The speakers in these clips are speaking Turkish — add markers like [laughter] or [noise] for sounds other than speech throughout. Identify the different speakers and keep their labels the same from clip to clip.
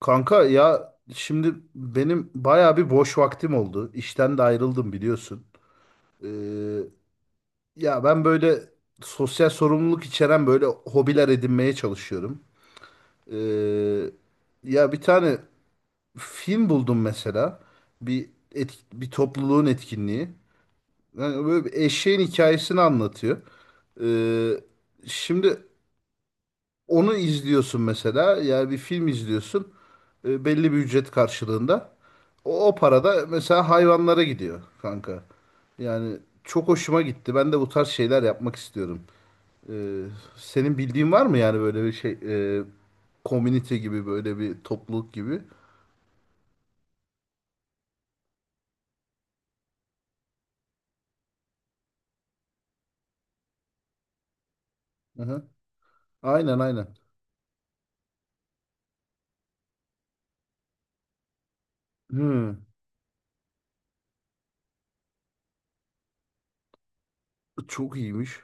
Speaker 1: Kanka ya şimdi benim bayağı bir boş vaktim oldu. İşten de ayrıldım biliyorsun. Ee, Ya ben böyle sosyal sorumluluk içeren böyle hobiler edinmeye çalışıyorum. Ee, Ya bir tane film buldum mesela. Bir topluluğun etkinliği. Yani böyle bir eşeğin hikayesini anlatıyor. Ee, Şimdi onu izliyorsun mesela. Yani bir film izliyorsun. Belli bir ücret karşılığında. O para da mesela hayvanlara gidiyor kanka. Yani çok hoşuma gitti. Ben de bu tarz şeyler yapmak istiyorum. E, Senin bildiğin var mı yani böyle bir şey e, community gibi böyle bir topluluk gibi? Hı-hı. Aynen aynen. Hmm, çok iyiymiş.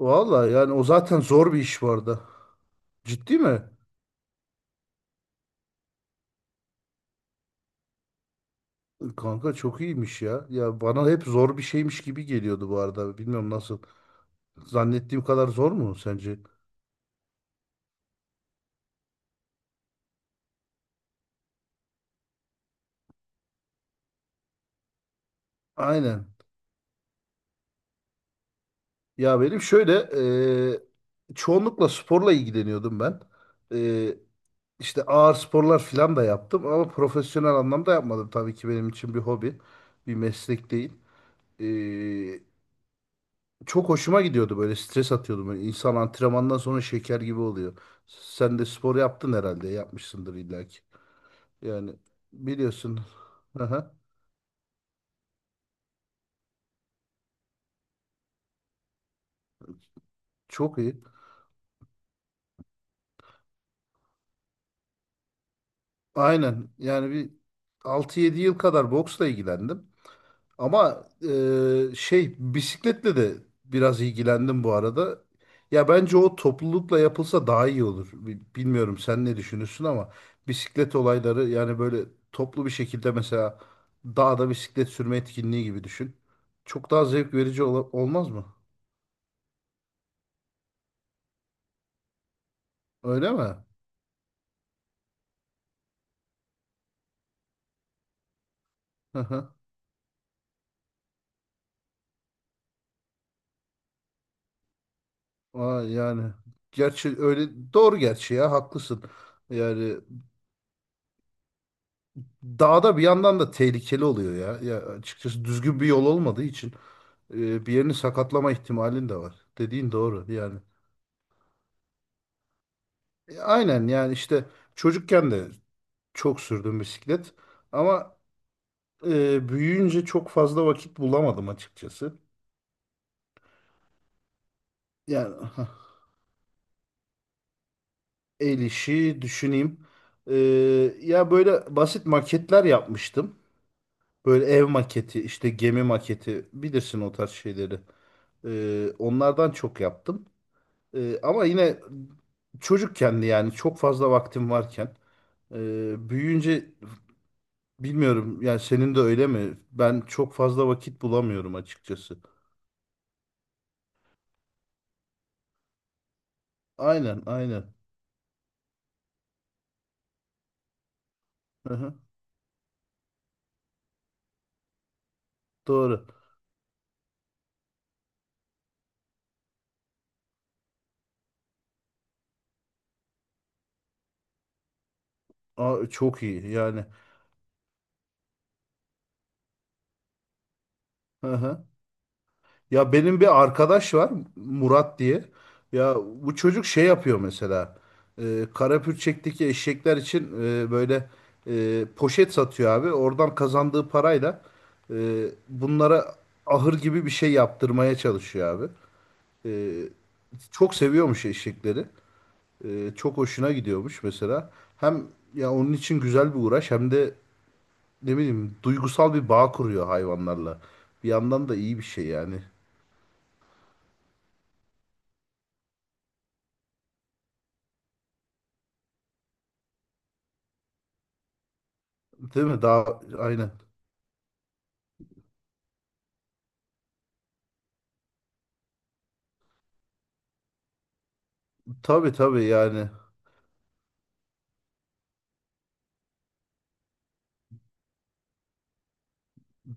Speaker 1: Valla yani o zaten zor bir iş bu arada. Ciddi mi? Kanka çok iyiymiş ya. Ya bana hep zor bir şeymiş gibi geliyordu bu arada. Bilmiyorum nasıl. Zannettiğim kadar zor mu sence? Aynen. Ya benim şöyle çoğunlukla sporla ilgileniyordum ben. E, işte ağır sporlar falan da yaptım ama profesyonel anlamda yapmadım. Tabii ki benim için bir hobi, bir meslek değil. E, Çok hoşuma gidiyordu böyle stres atıyordum. Böyle insan antrenmandan sonra şeker gibi oluyor. Sen de spor yaptın herhalde, yapmışsındır illaki. Yani biliyorsun. Aha, çok iyi. Aynen yani bir altı yedi yıl kadar boksla ilgilendim. Ama şey bisikletle de biraz ilgilendim bu arada. Ya bence o toplulukla yapılsa daha iyi olur. Bilmiyorum sen ne düşünürsün ama bisiklet olayları yani böyle toplu bir şekilde mesela dağda bisiklet sürme etkinliği gibi düşün. Çok daha zevk verici olmaz mı? Öyle mi? Hı hı. Aa, yani gerçi öyle doğru gerçi ya haklısın. Yani dağda bir yandan da tehlikeli oluyor ya. Ya açıkçası düzgün bir yol olmadığı için bir yerini sakatlama ihtimalin de var. Dediğin doğru yani. Aynen yani işte çocukken de çok sürdüm bisiklet ama büyüyünce çok fazla vakit bulamadım açıkçası. Yani hah, el işi düşüneyim. E, Ya böyle basit maketler yapmıştım. Böyle ev maketi, işte gemi maketi bilirsin o tarz şeyleri. Onlardan çok yaptım. Ama yine çocukken çocukkendi yani çok fazla vaktim varken. Büyüyünce bilmiyorum yani senin de öyle mi? Ben çok fazla vakit bulamıyorum açıkçası. Aynen aynen. Hı hı, doğru. Aa, çok iyi yani. Hı hı. Ya benim bir arkadaş var Murat diye. Ya bu çocuk şey yapıyor mesela. Karapürçek'teki eşekler için böyle poşet satıyor abi. Oradan kazandığı parayla bunlara ahır gibi bir şey yaptırmaya çalışıyor abi. E, Çok seviyormuş eşekleri. Çok hoşuna gidiyormuş mesela. Hem ya onun için güzel bir uğraş hem de ne bileyim duygusal bir bağ kuruyor hayvanlarla. Bir yandan da iyi bir şey yani. Değil mi? Daha aynen. Tabii tabii yani.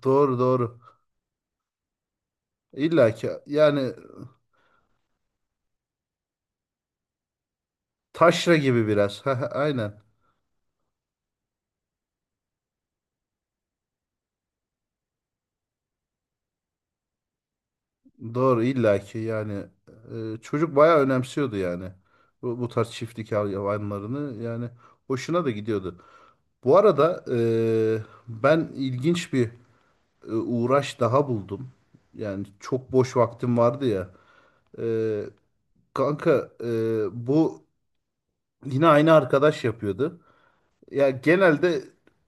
Speaker 1: Doğru doğru. İlla ki yani taşra gibi biraz. [laughs] Heh, aynen. Doğru illa ki yani. Çocuk bayağı önemsiyordu yani. Bu tarz çiftlik hayvanlarını yani hoşuna da gidiyordu. Bu arada ben ilginç bir uğraş daha buldum. Yani çok boş vaktim vardı ya. Ee, Kanka bu yine aynı arkadaş yapıyordu. Ya genelde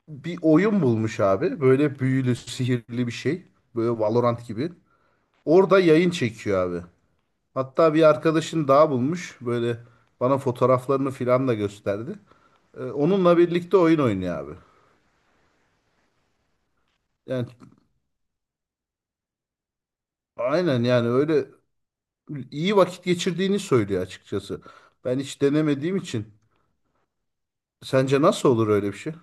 Speaker 1: bir oyun bulmuş abi. Böyle büyülü, sihirli bir şey. Böyle Valorant gibi. Orada yayın çekiyor abi. Hatta bir arkadaşın daha bulmuş. Böyle bana fotoğraflarını filan da gösterdi. Onunla birlikte oyun oynuyor abi. Yani aynen yani öyle iyi vakit geçirdiğini söylüyor açıkçası. Ben hiç denemediğim için sence nasıl olur öyle bir şey?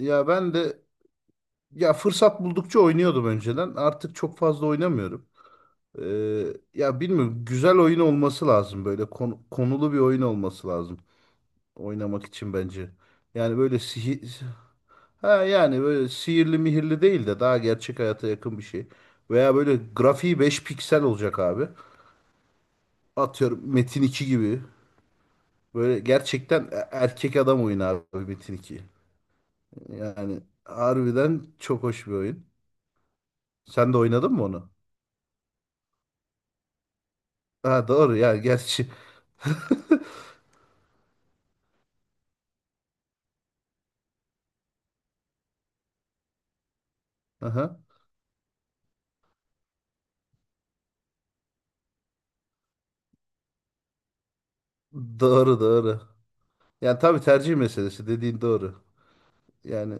Speaker 1: Ya ben de ya fırsat buldukça oynuyordum önceden. Artık çok fazla oynamıyorum. Ya bilmiyorum güzel oyun olması lazım böyle konulu bir oyun olması lazım oynamak için bence. Yani böyle sihir ha yani böyle sihirli mihirli değil de daha gerçek hayata yakın bir şey. Veya böyle grafiği 5 piksel olacak abi. Atıyorum Metin iki gibi. Böyle gerçekten erkek adam oyunu abi Metin 2. Yani harbiden çok hoş bir oyun. Sen de oynadın mı onu? Ha doğru ya gerçi. Aha. Doğru doğru. Yani tabii tercih meselesi dediğin doğru. Yani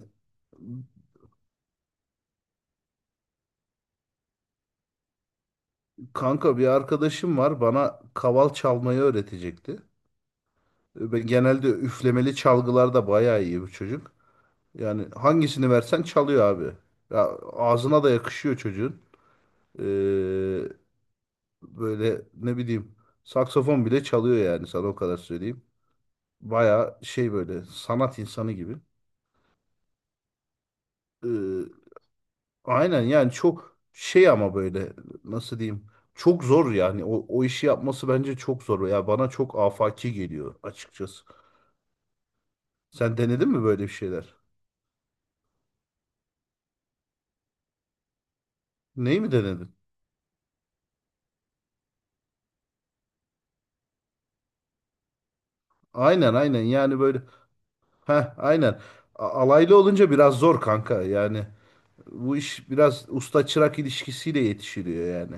Speaker 1: kanka bir arkadaşım var bana kaval çalmayı öğretecekti. E, ben genelde üflemeli çalgılarda bayağı iyi bu çocuk. Yani hangisini versen çalıyor abi. Ya ağzına da yakışıyor çocuğun. Ee, Böyle ne bileyim saksafon bile çalıyor yani sana o kadar söyleyeyim. Baya şey böyle sanat insanı gibi. Ee, aynen yani çok şey ama böyle nasıl diyeyim çok zor yani o işi yapması bence çok zor. Ya bana çok afaki geliyor açıkçası. Sen denedin mi böyle bir şeyler? Neyi mi denedin? Aynen aynen yani böyle heh aynen. Alaylı olunca biraz zor kanka yani. Bu iş biraz usta çırak ilişkisiyle yetişiliyor yani.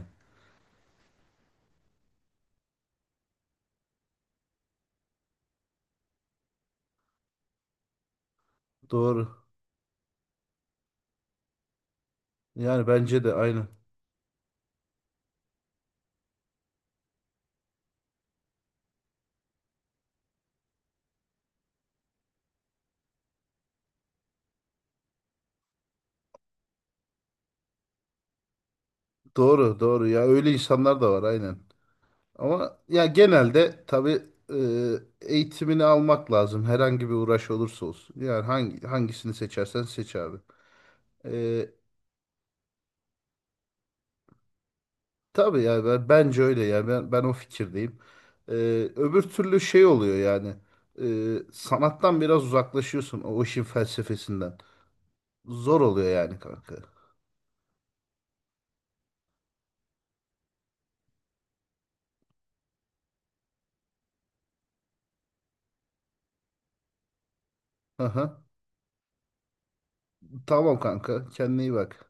Speaker 1: Doğru. Yani bence de aynı. Doğru, doğru. Ya öyle insanlar da var aynen. Ama ya genelde tabii e, eğitimini almak lazım. Herhangi bir uğraş olursa olsun. Yani hangisini seçersen seç abi. E, tabii ya bence öyle ya. Ben o fikirdeyim. E, Öbür türlü şey oluyor yani. E, Sanattan biraz uzaklaşıyorsun o işin felsefesinden. Zor oluyor yani kanka. Aha. Tamam kanka. Kendine iyi bak.